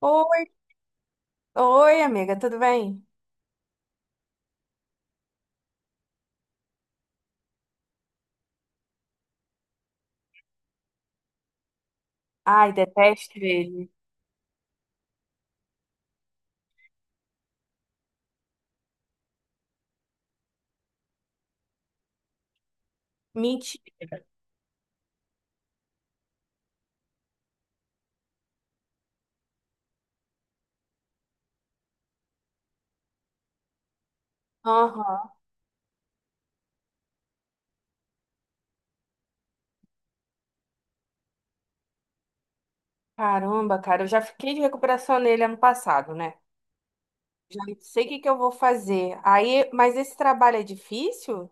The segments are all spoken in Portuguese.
Oi, oi, amiga, tudo bem? Ai, detesto ele. Mentira. Aham. Caramba, cara, eu já fiquei de recuperação nele ano passado, né? Já não sei o que que eu vou fazer. Aí, mas esse trabalho é difícil?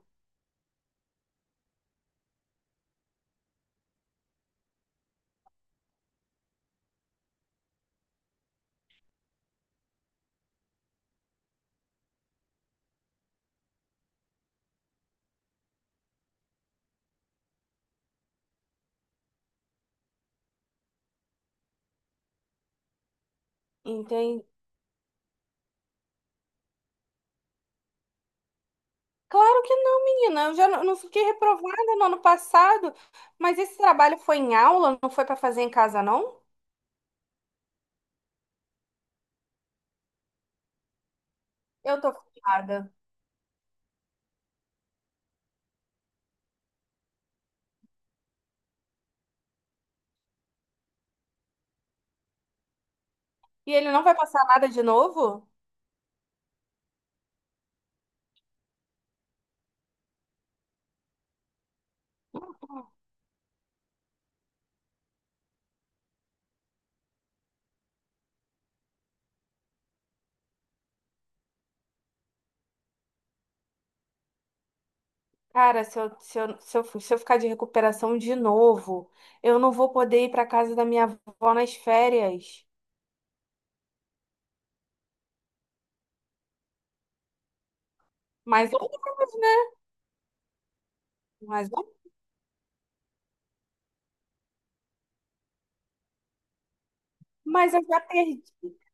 Entendi. Claro que não, menina. Eu já não fiquei reprovada no ano passado, mas esse trabalho foi em aula, não foi para fazer em casa, não? Eu tô frustrada. E ele não vai passar nada de novo? Cara, se eu ficar de recuperação de novo, eu não vou poder ir para casa da minha avó nas férias. Mas, eu- mas, eu- mas eu já perdi,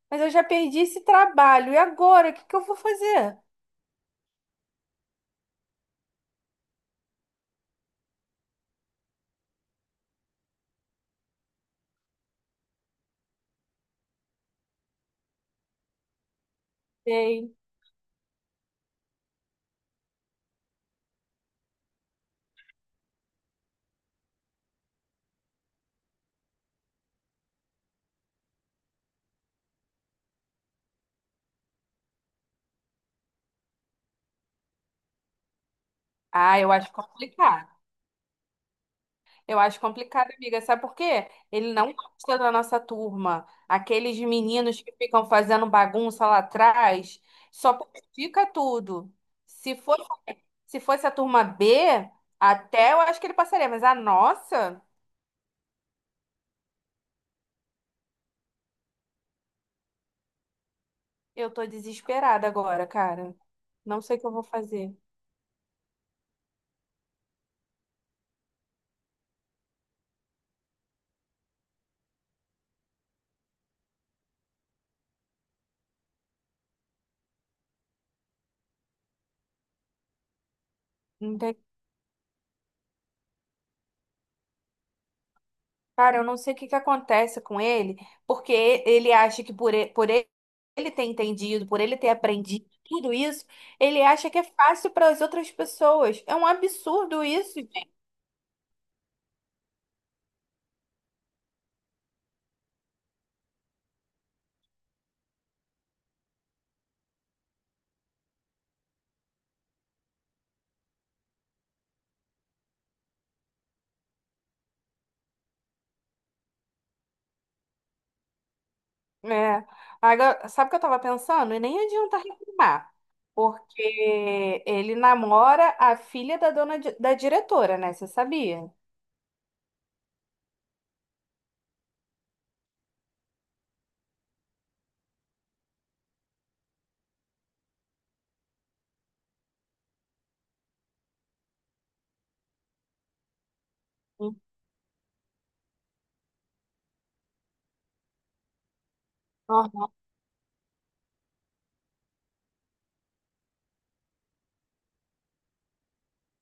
mas eu já perdi esse trabalho. E agora, o que que eu vou fazer? Sei. Ah, eu acho complicado. Eu acho complicado, amiga. Sabe por quê? Ele não gosta da nossa turma. Aqueles meninos que ficam fazendo bagunça lá atrás, só porque fica tudo. Se for Se fosse a turma B, até eu acho que ele passaria, mas a nossa, eu tô desesperada agora, cara. Não sei o que eu vou fazer. Não tem- Cara, eu não sei o que que acontece com ele, porque ele acha que por ele ter entendido, por ele ter aprendido tudo isso, ele acha que é fácil para as outras pessoas. É um absurdo isso. É. Agora, sabe o que eu tava pensando? E nem adianta reclamar, porque ele namora a filha da da diretora, né? Você sabia? Sim. Aham.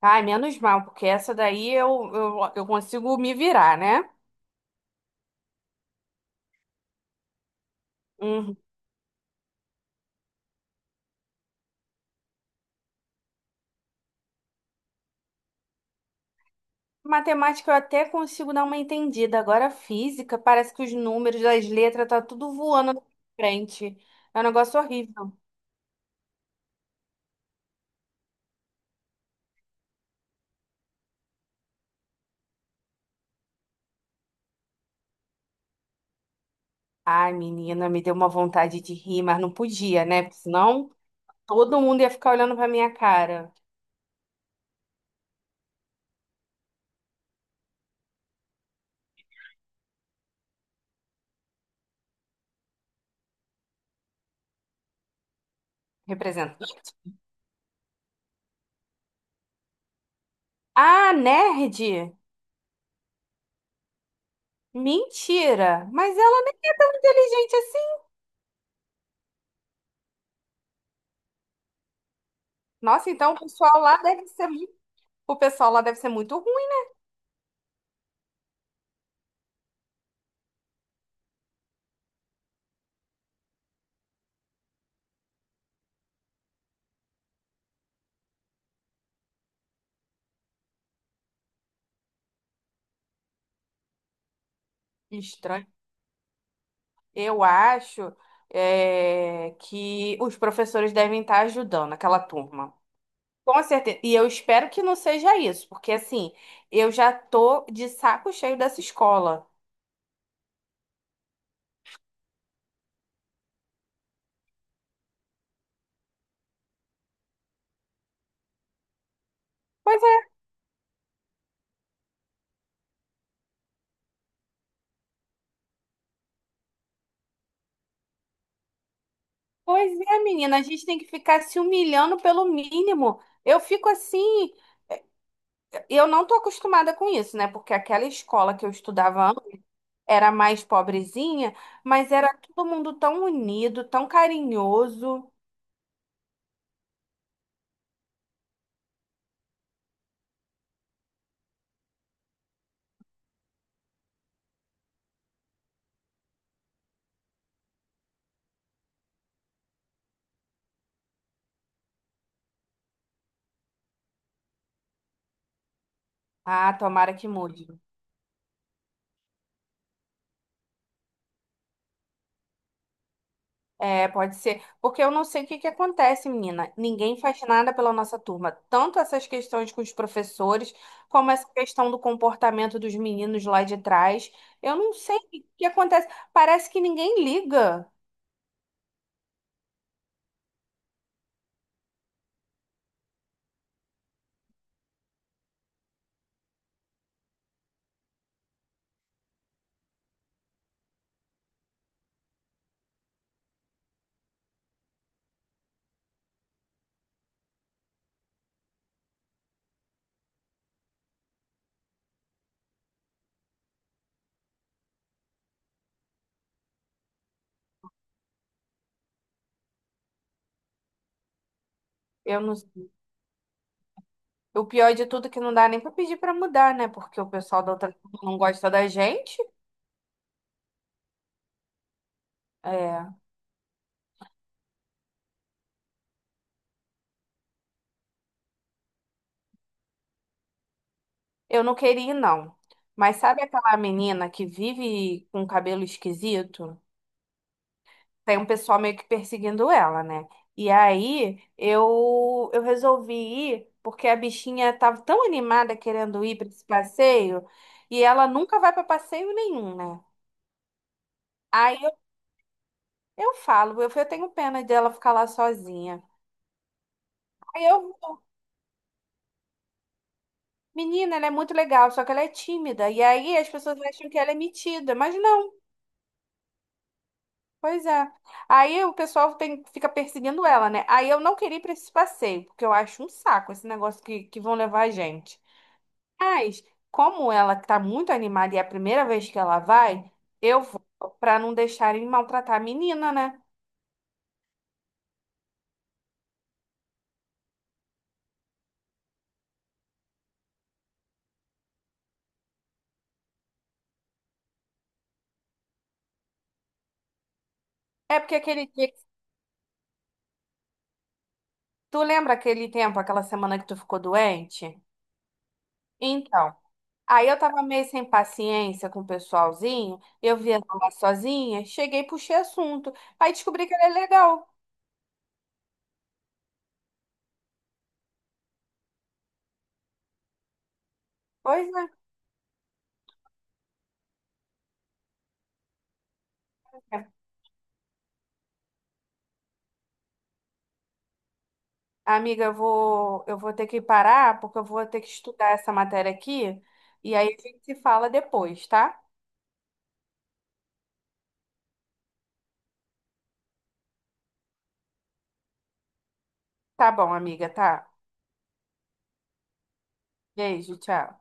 Ai, menos mal, porque essa daí eu consigo me virar, né? Uhum. Matemática eu até consigo dar uma entendida. Agora, física, parece que os números das letras tá tudo voando na frente. É um negócio horrível. Ai, menina, me deu uma vontade de rir, mas não podia, né? Porque senão. Todo mundo ia ficar olhando pra minha cara. Representa. Ah, nerd? Mentira! Mas ela nem é inteligente assim. Nossa, então o pessoal lá deve ser muito, o pessoal lá deve ser muito ruim. Estranho. Eu acho que os professores devem estar ajudando aquela turma. Com certeza. E eu espero que não seja isso, porque assim, eu já tô de saco cheio dessa escola. Pois é, pois é, menina, a gente tem que ficar se humilhando pelo mínimo. Eu fico assim. E eu não tô acostumada com isso, né? Porque aquela escola que eu estudava antes era mais pobrezinha, mas era todo mundo tão unido, tão carinhoso. Ah, tomara que mude. É, pode ser. Porque eu não sei o que que acontece, menina. Ninguém faz nada pela nossa turma. Tanto essas questões com os professores, como essa questão do comportamento dos meninos lá de trás. Eu não sei o que que acontece. Parece que ninguém liga. Eu não O pior de tudo é que não dá nem pra pedir pra mudar, né? Porque o pessoal da outra turma não gosta da gente. É, eu não queria ir, não. Mas sabe aquela menina que vive com cabelo esquisito? Tem um pessoal meio que perseguindo ela, né? E aí eu resolvi ir porque a bichinha tava tão animada querendo ir pra esse passeio e ela nunca vai pra passeio nenhum, né? Aí eu, eu falo, eu tenho pena dela ficar lá sozinha. Aí eu Menina, ela é muito legal, só que ela é tímida. E aí as pessoas acham que ela é metida, mas não, pois é. Aí o pessoal tem- fica perseguindo ela, né? Aí eu não queria ir pra esse passeio, porque eu acho um saco esse negócio que vão levar a gente. Mas, como ela tá muito animada e é a primeira vez que ela vai, eu vou pra não deixarem maltratar a menina, né? É porque aquele dia. Tu lembra aquele tempo, aquela semana que tu ficou doente? Então. Aí eu tava meio sem paciência com o pessoalzinho, eu via lá sozinha, cheguei e puxei assunto. Aí descobri que ele é legal. Pois é. Amiga, eu vou ter que parar, porque eu vou ter que estudar essa matéria aqui, e aí a gente se fala depois, tá? Tá bom, amiga, tá. Beijo, tchau.